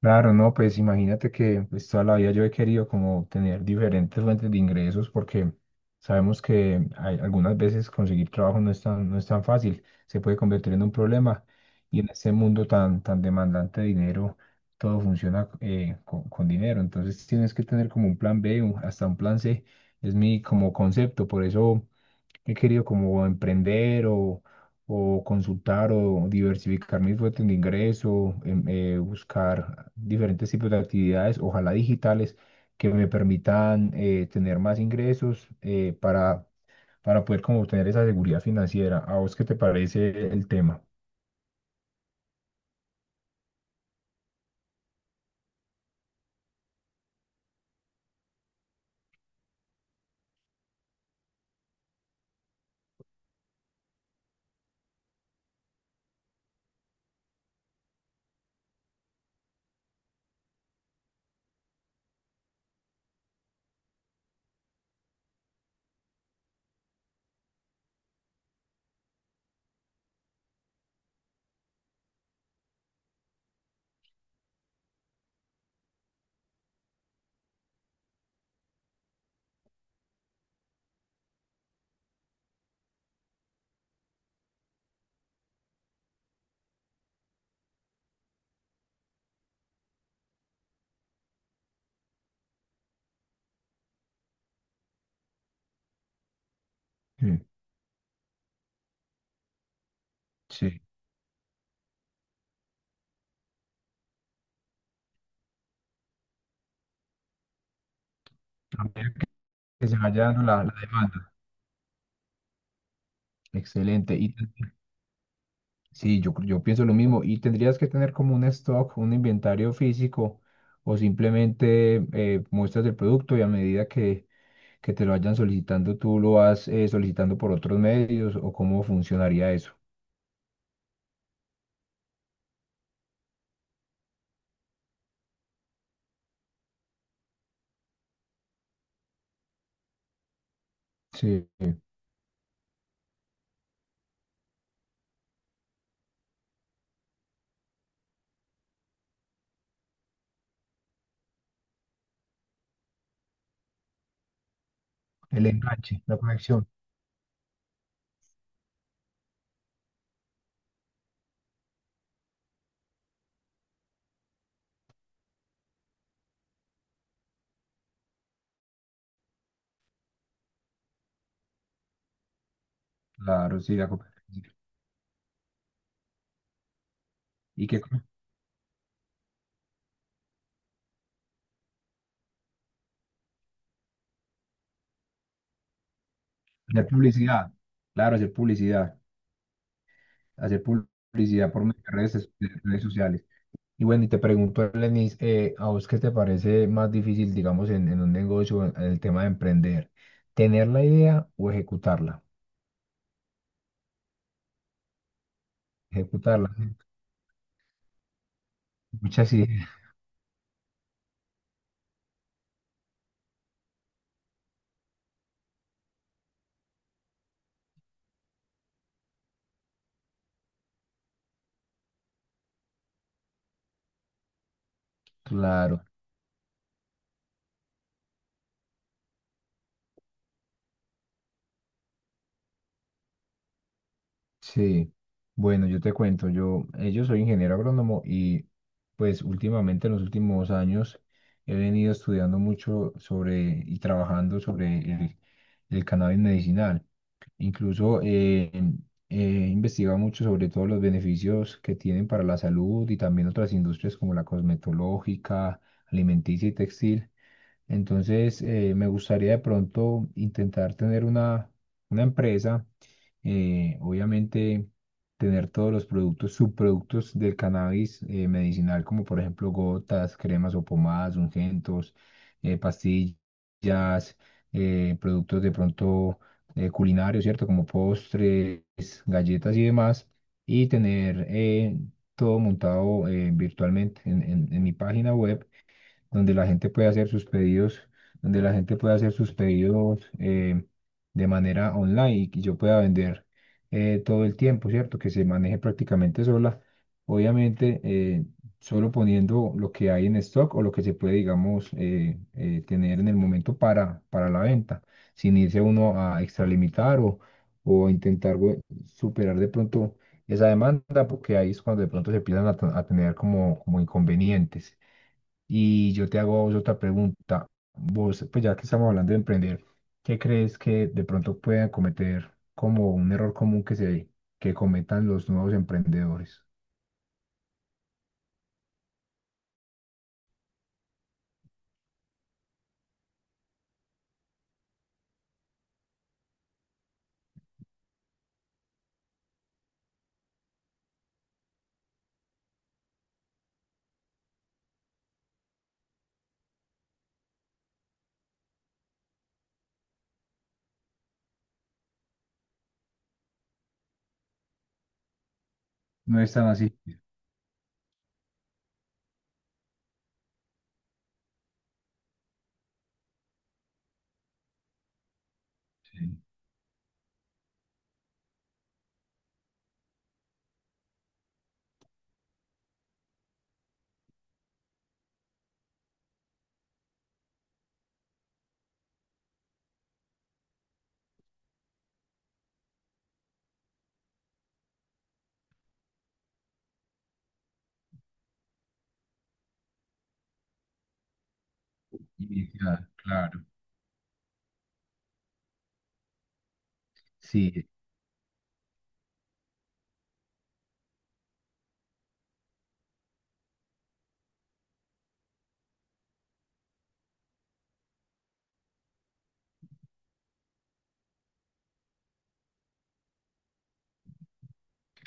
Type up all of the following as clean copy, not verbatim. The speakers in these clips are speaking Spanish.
Claro, no, pues imagínate que pues, toda la vida yo he querido como tener diferentes fuentes de ingresos porque sabemos que algunas veces conseguir trabajo no es tan fácil, se puede convertir en un problema y en este mundo tan demandante de dinero, todo funciona con dinero, entonces tienes que tener como un plan B, hasta un plan C, es mi como concepto. Por eso he querido como emprender o consultar o diversificar mis fuentes de ingreso, buscar diferentes tipos de actividades, ojalá digitales, que me permitan tener más ingresos, para poder como obtener esa seguridad financiera. ¿A vos qué te parece el tema? Mm. Sí, a medida que se vaya dando la demanda. Excelente. Sí, yo pienso lo mismo, y tendrías que tener como un stock, un inventario físico, o simplemente muestras el producto y a medida que te lo vayan solicitando tú lo vas solicitando por otros medios, o cómo funcionaría eso. Sí, el enganche, la conexión. Claro, sí, la competencia. ¿Y qué? Hacer publicidad. Claro, hacer publicidad. Hacer publicidad por medio de redes, sociales. Y bueno, y te pregunto, Lenis, ¿a vos qué te parece más difícil, digamos, en un negocio, en el tema de emprender? ¿Tener la idea o ejecutarla? Ejecutarla. Muchas ideas. Claro, sí. Bueno, yo te cuento, yo soy ingeniero agrónomo y pues últimamente, en los últimos años, he venido estudiando mucho sobre y trabajando sobre el cannabis medicinal. Incluso, he investigado mucho sobre todos los beneficios que tienen para la salud, y también otras industrias como la cosmetológica, alimenticia y textil. Entonces, me gustaría de pronto intentar tener una empresa, obviamente tener todos los productos, subproductos del cannabis medicinal, como por ejemplo gotas, cremas o pomadas, ungüentos, pastillas, productos de pronto culinarios, ¿cierto? Como postres, galletas y demás, y tener todo montado, virtualmente en en mi página web donde la gente puede hacer sus pedidos, donde la gente puede hacer sus pedidos, de manera online, y que yo pueda vender todo el tiempo, ¿cierto? Que se maneje prácticamente sola. Obviamente, solo poniendo lo que hay en stock, o lo que se puede, digamos, tener en el momento para, la venta, sin irse uno a extralimitar o intentar superar de pronto esa demanda, porque ahí es cuando de pronto se empiezan a tener como inconvenientes. Y yo te hago a vos otra pregunta. Vos, pues ya que estamos hablando de emprender, ¿qué crees que de pronto puedan cometer como un error común que cometan los nuevos emprendedores? No es tan así. Sí. Inicial, claro. Sí.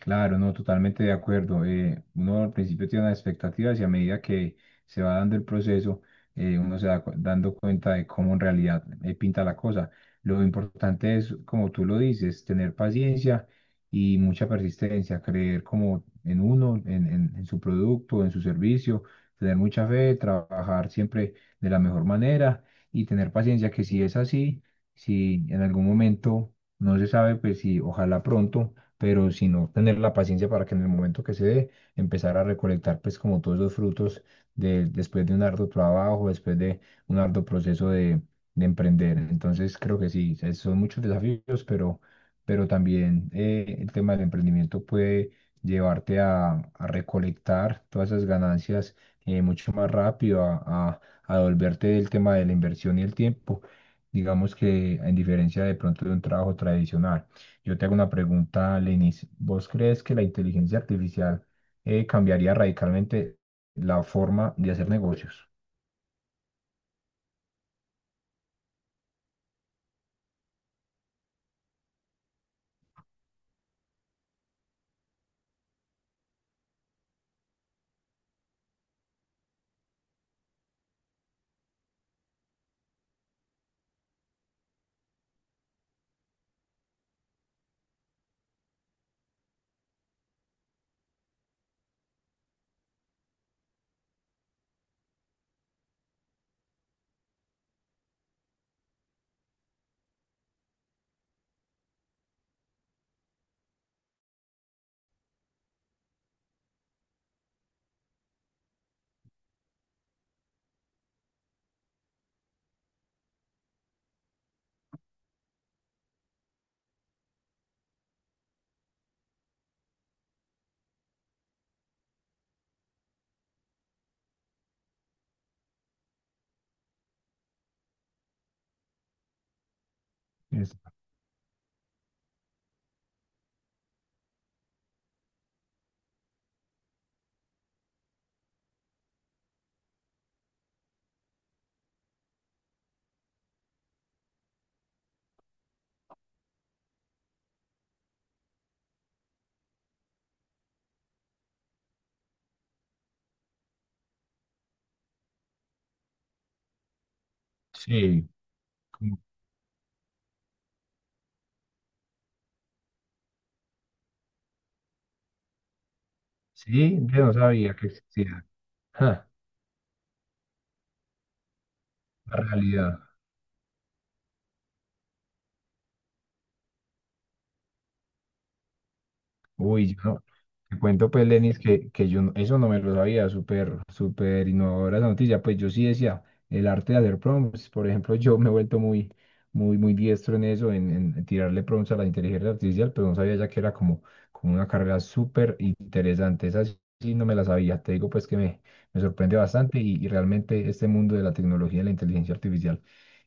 Claro, no, totalmente de acuerdo. Uno al principio tiene unas expectativas, y a medida que se va dando el proceso, uno se va dando cuenta de cómo en realidad pinta la cosa. Lo importante es, como tú lo dices, tener paciencia y mucha persistencia, creer como en uno, en, su producto, en su servicio, tener mucha fe, trabajar siempre de la mejor manera y tener paciencia. Que si es así, si en algún momento no se sabe, pues sí, ojalá pronto, pero sino tener la paciencia para que en el momento que se dé, empezar a recolectar pues como todos esos frutos, después de un arduo trabajo, después de un arduo proceso de emprender. Entonces creo que sí, son muchos desafíos, pero también, el tema del emprendimiento puede llevarte a recolectar todas esas ganancias, mucho más rápido, a a volverte del tema de la inversión y el tiempo, digamos, que en diferencia de pronto de un trabajo tradicional. Yo te hago una pregunta, Lenis. ¿Vos crees que la inteligencia artificial, cambiaría radicalmente la forma de hacer negocios? Es- sí. como- sí, yo no sabía que existía. Ja, la realidad. Uy, yo no- Te cuento, pues, Lenis, que, yo eso no me lo sabía. Súper, súper innovadora la noticia. Pues yo sí decía, el arte de hacer prompts, por ejemplo, yo me he vuelto muy, muy, muy diestro en eso, en, tirarle prompts a la inteligencia artificial, pero no sabía ya que era como una carrera súper interesante. Esa sí sí no me la sabía. Te digo, pues, que me sorprende bastante, y realmente este mundo de la tecnología y la inteligencia artificial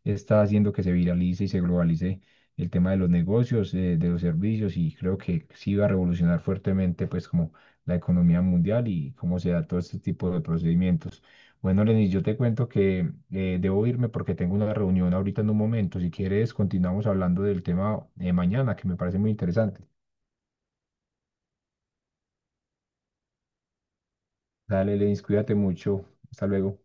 está haciendo que se viralice y se globalice el tema de los negocios, de los servicios, y creo que sí va a revolucionar fuertemente pues como la economía mundial y cómo se da todo este tipo de procedimientos. Bueno, Lenis, yo te cuento que, debo irme porque tengo una reunión ahorita en un momento. Si quieres, continuamos hablando del tema de mañana, que me parece muy interesante. Dale, Lenis, cuídate mucho. Hasta luego.